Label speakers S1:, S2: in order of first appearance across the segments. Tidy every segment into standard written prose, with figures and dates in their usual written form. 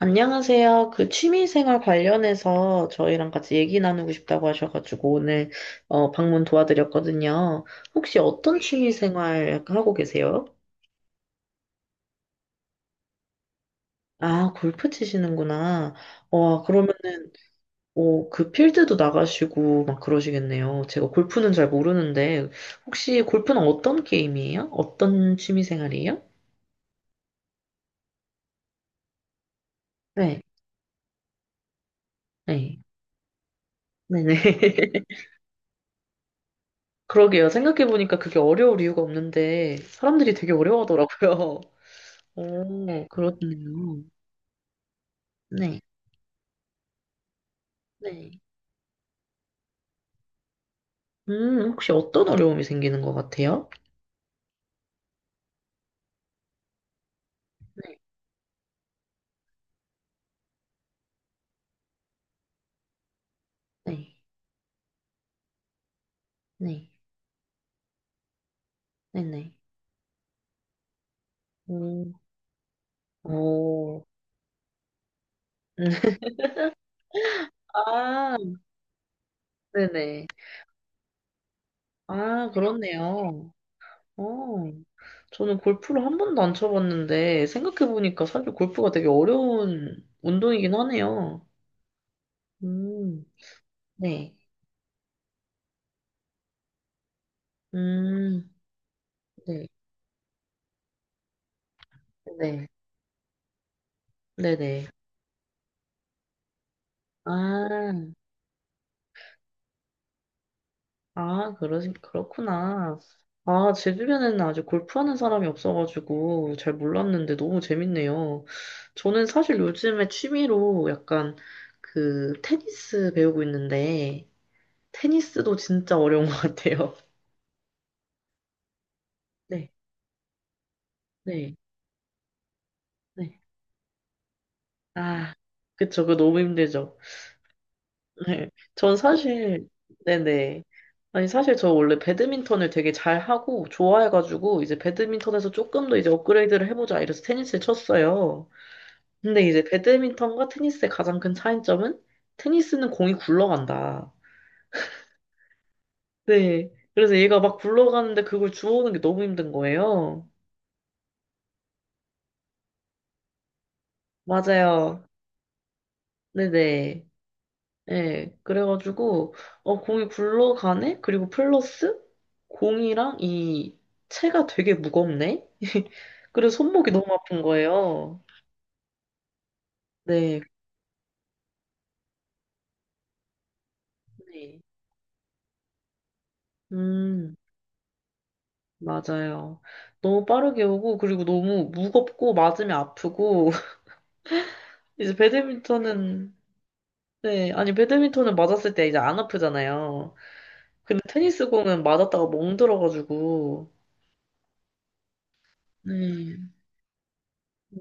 S1: 안녕하세요. 그 취미생활 관련해서 저희랑 같이 얘기 나누고 싶다고 하셔가지고 오늘 방문 도와드렸거든요. 혹시 어떤 취미생활 하고 계세요? 아, 골프 치시는구나. 와, 그러면은 그 필드도 나가시고 막 그러시겠네요. 제가 골프는 잘 모르는데 혹시 골프는 어떤 게임이에요? 어떤 취미생활이에요? 네, 네, 네네. 그러게요. 생각해보니까 그게 어려울 이유가 없는데 사람들이 되게 어려워하더라고요. 오, 그렇네요. 네, 네. 혹시 어떤 어려움이 생기는 것 같아요? 네, 네, 네, 네네. 음, 오, 아, 네네. 아, 그렇네요. 어, 저는 골프를 한 번도 안 쳐봤는데, 생각해보니까 사실 골프가 되게 어려운 운동이긴 하네요. 음, 네, 음, 네, 네, 네네. 아, 아, 그렇구나. 아, 제 주변에는 아직 골프하는 사람이 없어가지고 잘 몰랐는데 너무 재밌네요. 저는 사실 요즘에 취미로 약간 그 테니스 배우고 있는데, 테니스도 진짜 어려운 것 같아요. 네, 네, 네. 아, 그쵸. 그거 너무 힘들죠. 네. 전 사실, 네네. 아니, 사실 저 원래 배드민턴을 되게 잘하고 좋아해가지고, 이제 배드민턴에서 조금 더 이제 업그레이드를 해보자 이래서 테니스를 쳤어요. 근데 이제 배드민턴과 테니스의 가장 큰 차이점은 테니스는 공이 굴러간다. 네. 그래서 얘가 막 굴러가는데 그걸 주워오는 게 너무 힘든 거예요. 맞아요. 네네. 네. 그래가지고, 어, 공이 굴러가네? 그리고 플러스 공이랑 이 채가 되게 무겁네? 그래서 손목이 너무 아픈 거예요. 네. 네. 음, 맞아요. 너무 빠르게 오고, 그리고 너무 무겁고, 맞으면 아프고, 이제 배드민턴은, 네, 아니, 배드민턴은 맞았을 때 이제 안 아프잖아요. 근데 테니스 공은 맞았다가 멍들어가지고, 네,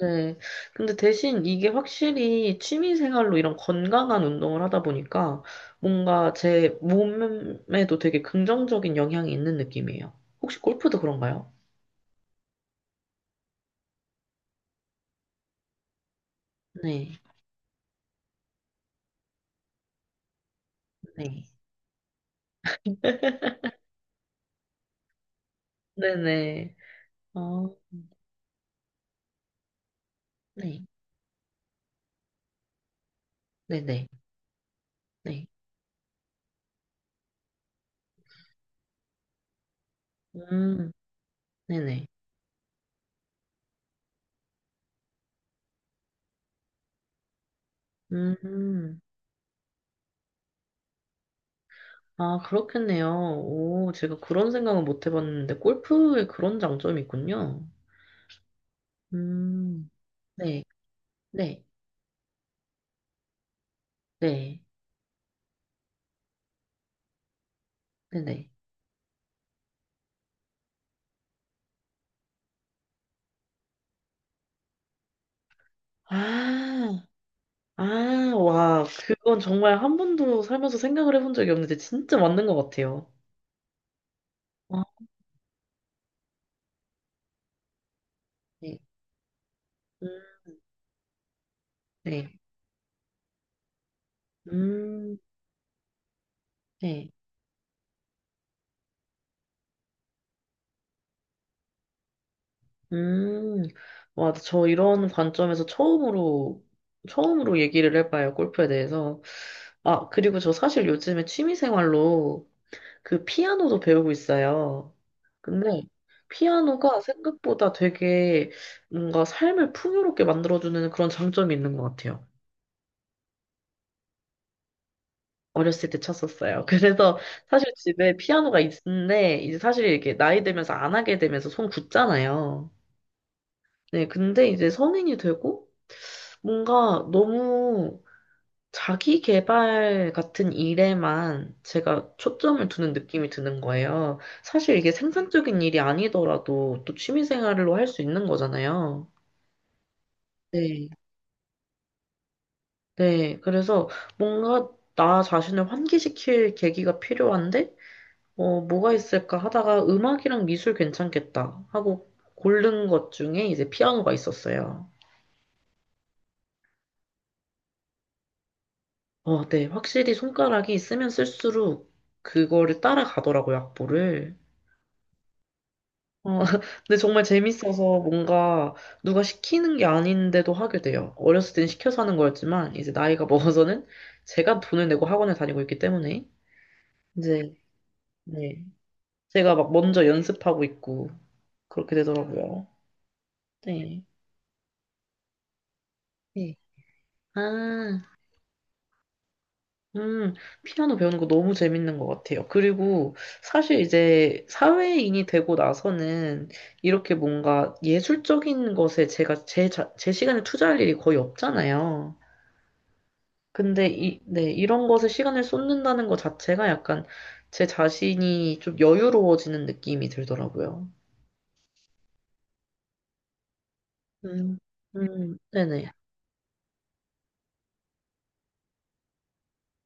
S1: 네. 근데 대신 이게 확실히 취미 생활로 이런 건강한 운동을 하다 보니까 뭔가 제 몸에도 되게 긍정적인 영향이 있는 느낌이에요. 혹시 골프도 그런가요? 네, 네. 네네. 어, 네. 네네. 네. 음, 네네. 음. 아, 그렇겠네요. 오, 제가 그런 생각은 못 해봤는데, 골프에 그런 장점이 있군요. 음, 네, 네, 네, 네네. 아, 아, 와, 그건 정말 한 번도 살면서 생각을 해본 적이 없는데, 진짜 맞는 것 같아요. 아, 네, 음, 네, 음, 네, 음. 와, 처음으로 얘기를 해봐요, 골프에 대해서. 아, 그리고 저 사실 요즘에 취미생활로 그 피아노도 배우고 있어요. 근데 피아노가 생각보다 되게 뭔가 삶을 풍요롭게 만들어주는 그런 장점이 있는 것 같아요. 어렸을 때 쳤었어요. 그래서 사실 집에 피아노가 있는데 이제 사실 이게 렇 나이 들면서 안 하게 되면서 손 굳잖아요. 네, 근데 이제 성인이 되고 뭔가 너무 자기 개발 같은 일에만 제가 초점을 두는 느낌이 드는 거예요. 사실 이게 생산적인 일이 아니더라도 또 취미 생활로 할 수 있는 거잖아요. 네. 네. 그래서 뭔가 나 자신을 환기시킬 계기가 필요한데, 뭐가 있을까 하다가 음악이랑 미술 괜찮겠다 하고 고른 것 중에 이제 피아노가 있었어요. 어, 네. 확실히 손가락이 쓰면 쓸수록 그거를 따라가더라고요, 악보를. 어, 근데 정말 재밌어서 뭔가 누가 시키는 게 아닌데도 하게 돼요. 어렸을 땐 시켜서 하는 거였지만, 이제 나이가 먹어서는 제가 돈을 내고 학원을 다니고 있기 때문에, 이제, 네. 제가 막 먼저 연습하고 있고, 그렇게 되더라고요. 네. 네. 아, 음, 피아노 배우는 거 너무 재밌는 것 같아요. 그리고 사실 이제 사회인이 되고 나서는 이렇게 뭔가 예술적인 것에 제 시간에 투자할 일이 거의 없잖아요. 근데 이, 네, 이런 것에 시간을 쏟는다는 것 자체가 약간 제 자신이 좀 여유로워지는 느낌이 들더라고요. 음, 네네.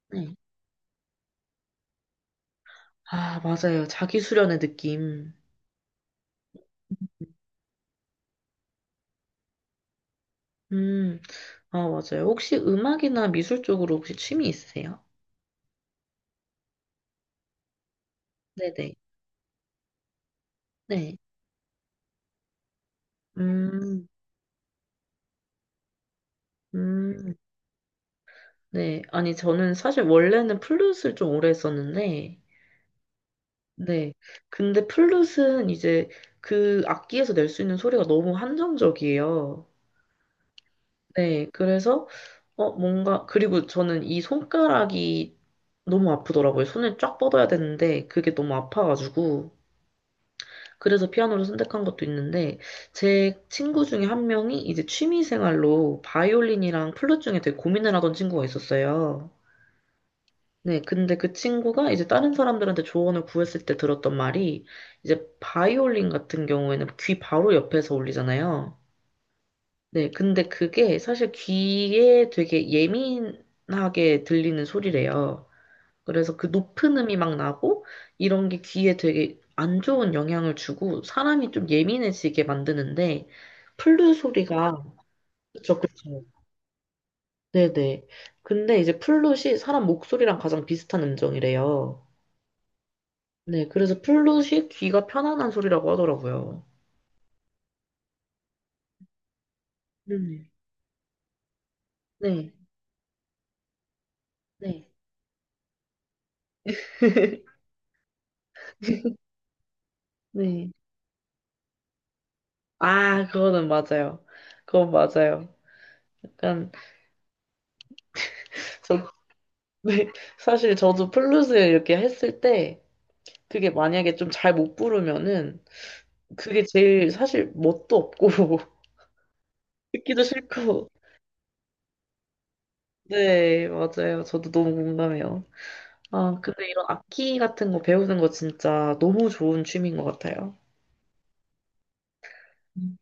S1: 네. 아, 맞아요. 자기 수련의 느낌. 음, 아, 맞아요. 혹시 음악이나 미술 쪽으로 혹시 취미 있으세요? 네네. 네. 음, 음, 네. 아니, 저는 사실 원래는 플룻을 좀 오래 했었는데, 네. 근데 플룻은 이제 그 악기에서 낼 수 있는 소리가 너무 한정적이에요. 네, 그리고 저는 이 손가락이 너무 아프더라고요. 손을 쫙 뻗어야 되는데, 그게 너무 아파가지고. 그래서 피아노를 선택한 것도 있는데, 제 친구 중에 한 명이 이제 취미 생활로 바이올린이랑 플룻 중에 되게 고민을 하던 친구가 있었어요. 네, 근데 그 친구가 이제 다른 사람들한테 조언을 구했을 때 들었던 말이, 이제 바이올린 같은 경우에는 귀 바로 옆에서 울리잖아요. 네, 근데 그게 사실 귀에 되게 예민하게 들리는 소리래요. 그래서 그 높은 음이 막 나고 이런 게 귀에 되게 안 좋은 영향을 주고 사람이 좀 예민해지게 만드는데 플룻 소리가 그쵸, 그쵸. 네네. 근데 이제 플룻이 사람 목소리랑 가장 비슷한 음정이래요. 네, 그래서 플룻이 귀가 편안한 소리라고 하더라고요. 음, 네. 네. 네. 아, 그거는 맞아요. 그건 맞아요. 약간 그래서 왜- 사실 저도 플루스 이렇게 했을 때 그게 만약에 좀 잘 못 부르면은 그게 제일 사실 멋도 없고 듣기도 싫고. 네, 맞아요. 저도 너무 공감해요. 아, 근데 이런 악기 같은 거 배우는 거 진짜 너무 좋은 취미인 것 같아요. 음.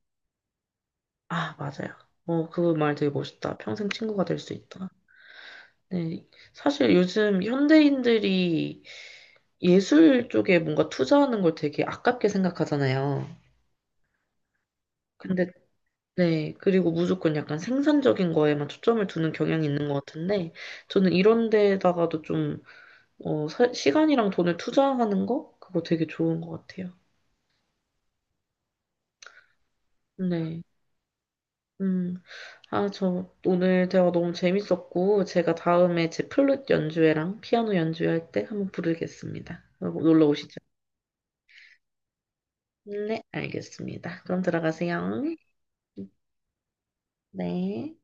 S1: 아, 맞아요. 어, 그 말 되게 멋있다. 평생 친구가 될 수 있다. 네. 사실 요즘 현대인들이 예술 쪽에 뭔가 투자하는 걸 되게 아깝게 생각하잖아요. 근데 네, 그리고 무조건 약간 생산적인 거에만 초점을 두는 경향이 있는 것 같은데, 저는 이런 데다가도 좀, 시간이랑 돈을 투자하는 거? 그거 되게 좋은 것 같아요. 네. 음, 아, 저 오늘 대화 너무 재밌었고, 제가 다음에 제 플룻 연주회랑 피아노 연주회 할 때 한번 부르겠습니다. 놀러 오시죠. 네, 알겠습니다. 그럼 들어가세요. 네.